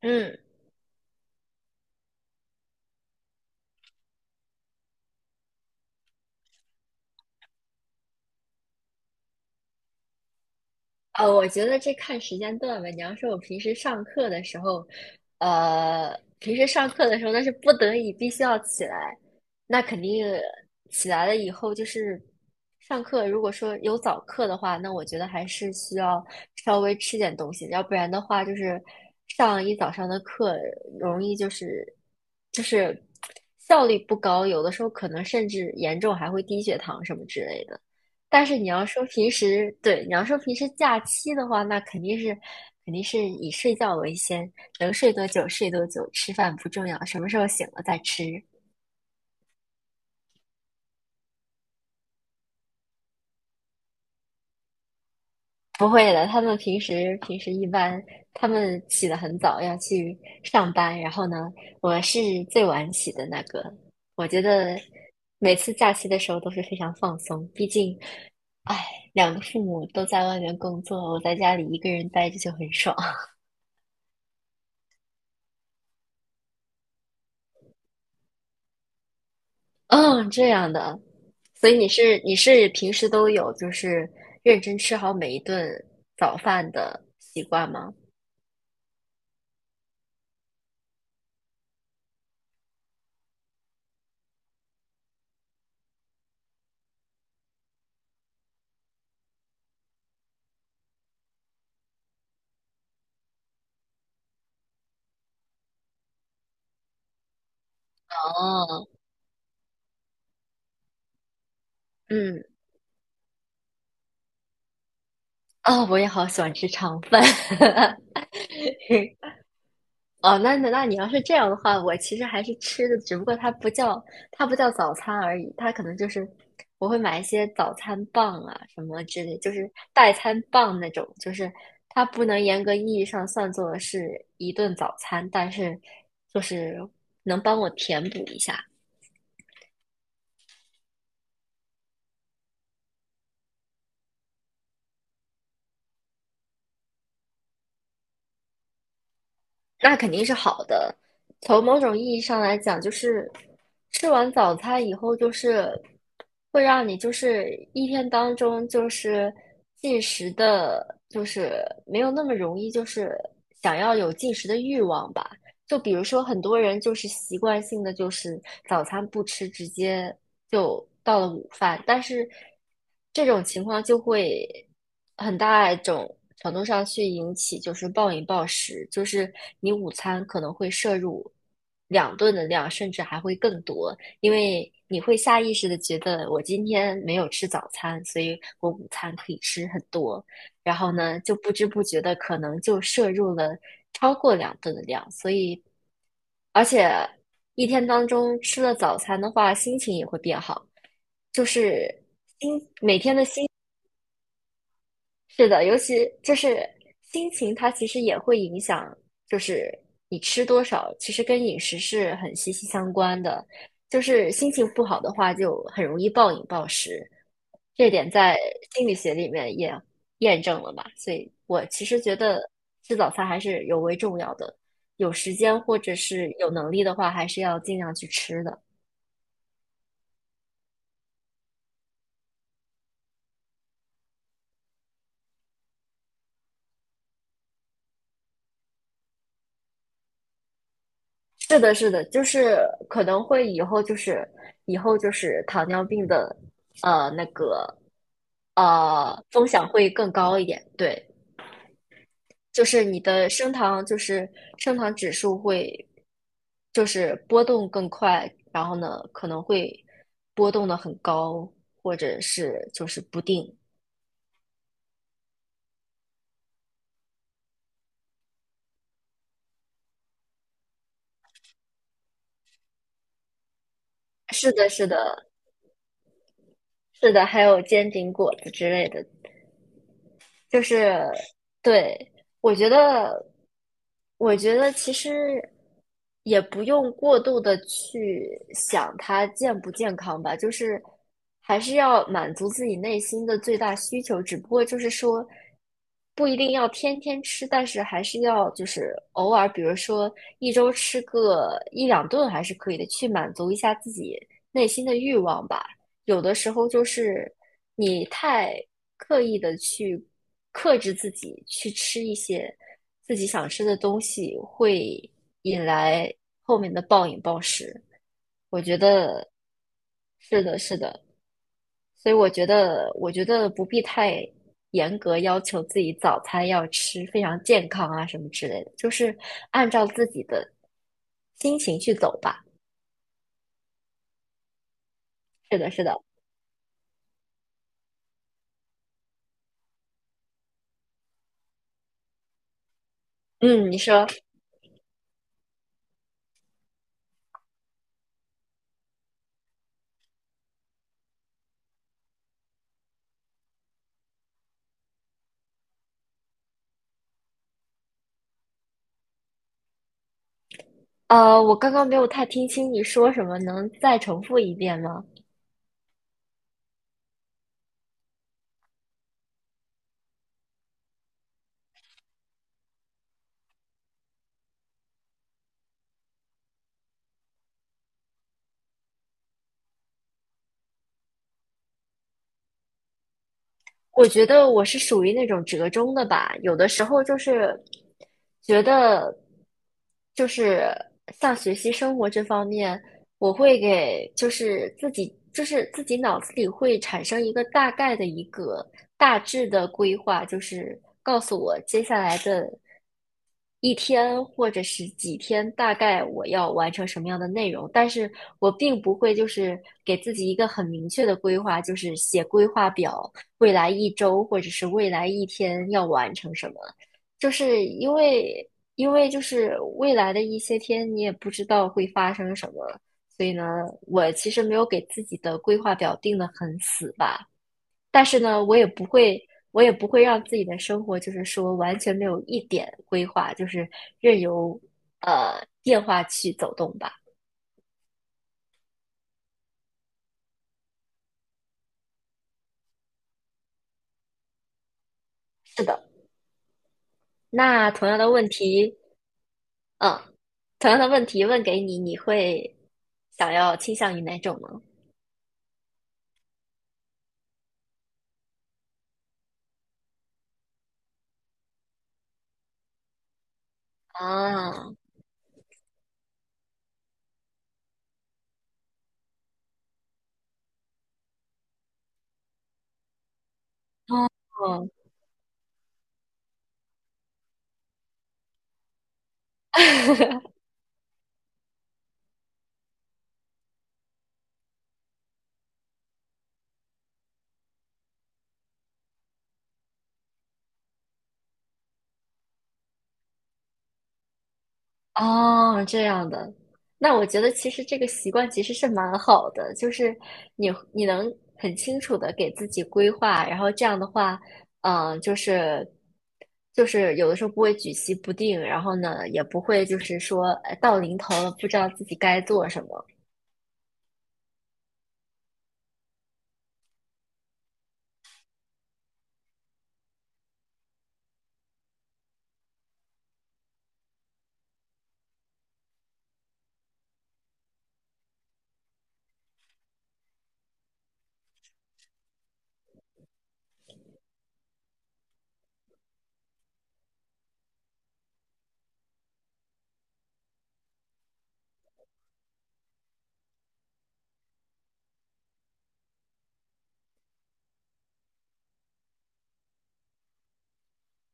嗯，我觉得这看时间段吧。你要说，我平时上课的时候，平时上课的时候那是不得已必须要起来，那肯定起来了以后就是上课。如果说有早课的话，那我觉得还是需要稍微吃点东西，要不然的话就是上一早上的课容易就是效率不高，有的时候可能甚至严重还会低血糖什么之类的。但是你要说平时，对，你要说平时假期的话，那肯定是以睡觉为先，能睡多久睡多久，吃饭不重要，什么时候醒了再吃。不会的，他们平时平时一般，他们起得很早，要去上班。然后呢，我是最晚起的那个。我觉得每次假期的时候都是非常放松，毕竟，哎，两个父母都在外面工作，我在家里一个人待着就很爽。嗯，这样的，所以你是平时都有就是认真吃好每一顿早饭的习惯吗？哦，嗯，哦，我也好喜欢吃肠饭。哦，那你要是这样的话，我其实还是吃的，只不过它不叫早餐而已，它可能就是我会买一些早餐棒啊什么之类，就是代餐棒那种，就是它不能严格意义上算作是一顿早餐，但是就是能帮我填补一下。那肯定是好的。从某种意义上来讲，就是吃完早餐以后，就是会让你就是一天当中就是进食的，就是没有那么容易，就是想要有进食的欲望吧。就比如说，很多人就是习惯性的就是早餐不吃，直接就到了午饭，但是这种情况就会很大一种程度上去引起就是暴饮暴食，就是你午餐可能会摄入两顿的量，甚至还会更多，因为你会下意识的觉得我今天没有吃早餐，所以我午餐可以吃很多，然后呢，就不知不觉的可能就摄入了。超过两顿的量，所以而且一天当中吃了早餐的话，心情也会变好。就是心，没，是的，尤其就是心情，它其实也会影响，就是你吃多少，其实跟饮食是很息息相关的。就是心情不好的话，就很容易暴饮暴食，这点在心理学里面也验证了吧？所以我其实觉得吃早餐还是尤为重要的，有时间或者是有能力的话，还是要尽量去吃的。是的，是的，就是可能会以后就是糖尿病的那个风险会更高一点，对，就是你的升糖指数会就是波动更快，然后呢可能会波动的很高，或者是就是不定。是的，是的，是的，还有煎饼果子之类的，就是对，我觉得，我觉得其实也不用过度的去想它健不健康吧，就是还是要满足自己内心的最大需求，只不过就是说不一定要天天吃，但是还是要就是偶尔，比如说一周吃个一两顿还是可以的，去满足一下自己内心的欲望吧。有的时候就是你太刻意的去克制自己，去吃一些自己想吃的东西，会引来后面的暴饮暴食。我觉得是的，是的，所以我觉得，不必太严格要求自己早餐要吃非常健康啊什么之类的，就是按照自己的心情去走吧。是的，是的，嗯，你说。我刚刚没有太听清你说什么，能再重复一遍吗？我觉得我是属于那种折中的吧，有的时候就是觉得，就是像学习生活这方面，我会给就是自己脑子里会产生一个大概的一个大致的规划，就是告诉我接下来的一天或者是几天，大概我要完成什么样的内容，但是我并不会就是给自己一个很明确的规划，就是写规划表，未来一周或者是未来一天要完成什么，就是因为就是未来的一些天你也不知道会发生什么，所以呢，我其实没有给自己的规划表定得很死吧。但是呢，我也不会让自己的生活就是说完全没有一点规划，就是任由变化去走动吧。是的，那同样的问题，嗯，同样的问题问给你，你会想要倾向于哪种呢？啊，哦。哦，这样的，那我觉得其实这个习惯其实是蛮好的，就是你能很清楚的给自己规划，然后这样的话，就是有的时候不会举棋不定，然后呢也不会就是说到临头了不知道自己该做什么。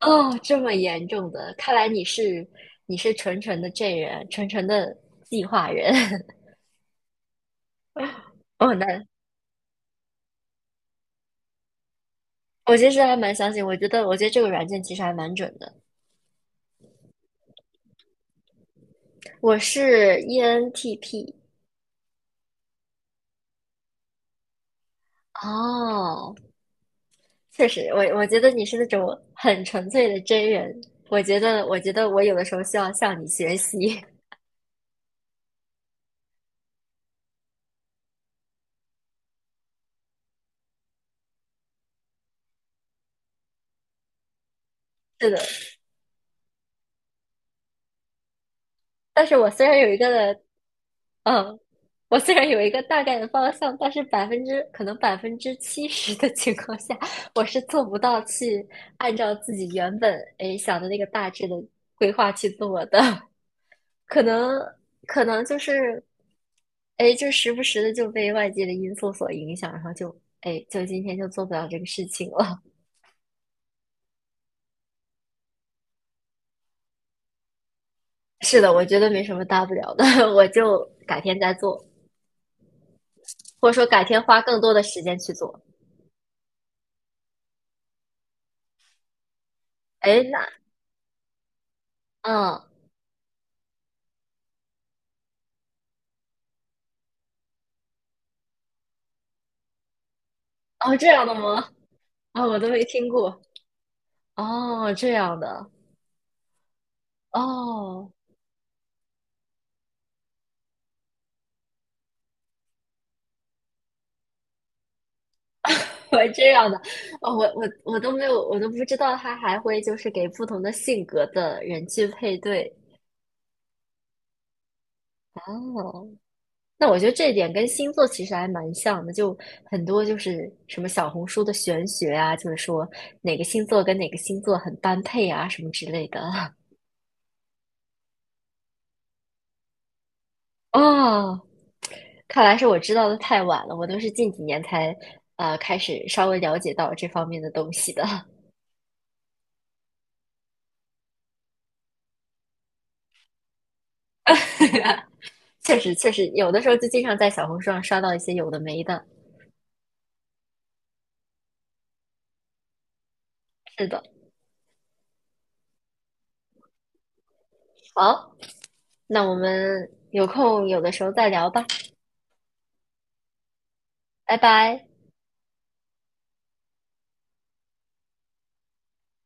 哦，这么严重的，看来你是纯纯的 J 人，纯纯的计划人。哦，那我其实还蛮相信，我觉得这个软件其实还蛮准的。我是 ENTP，哦，确实，我觉得你是那种很纯粹的真人。我觉得我有的时候需要向你学习。是的，但是嗯，我虽然有一个大概的方向，但是70%的情况下，我是做不到去按照自己原本想的那个大致的规划去做的。可能可能就是，哎，就时不时的就被外界的因素所影响，然后就哎，就今天就做不了这个事情了。是的，我觉得没什么大不了的，我就改天再做，或者说改天花更多的时间去做。哎，那嗯，哦，这样的吗？啊、我都没听过。哦，这样的。哦，我这样的。哦，我都没有，我都不知道他还会就是给不同的性格的人去配对。哦。那我觉得这一点跟星座其实还蛮像的，就很多就是什么小红书的玄学啊，就是说哪个星座跟哪个星座很般配啊，什么之类的。哦，看来是我知道的太晚了，我都是近几年才开始稍微了解到这方面的东西的。确实有的时候就经常在小红书上刷到一些有的没的。是的，好，那我们有空有的时候再聊吧，拜拜。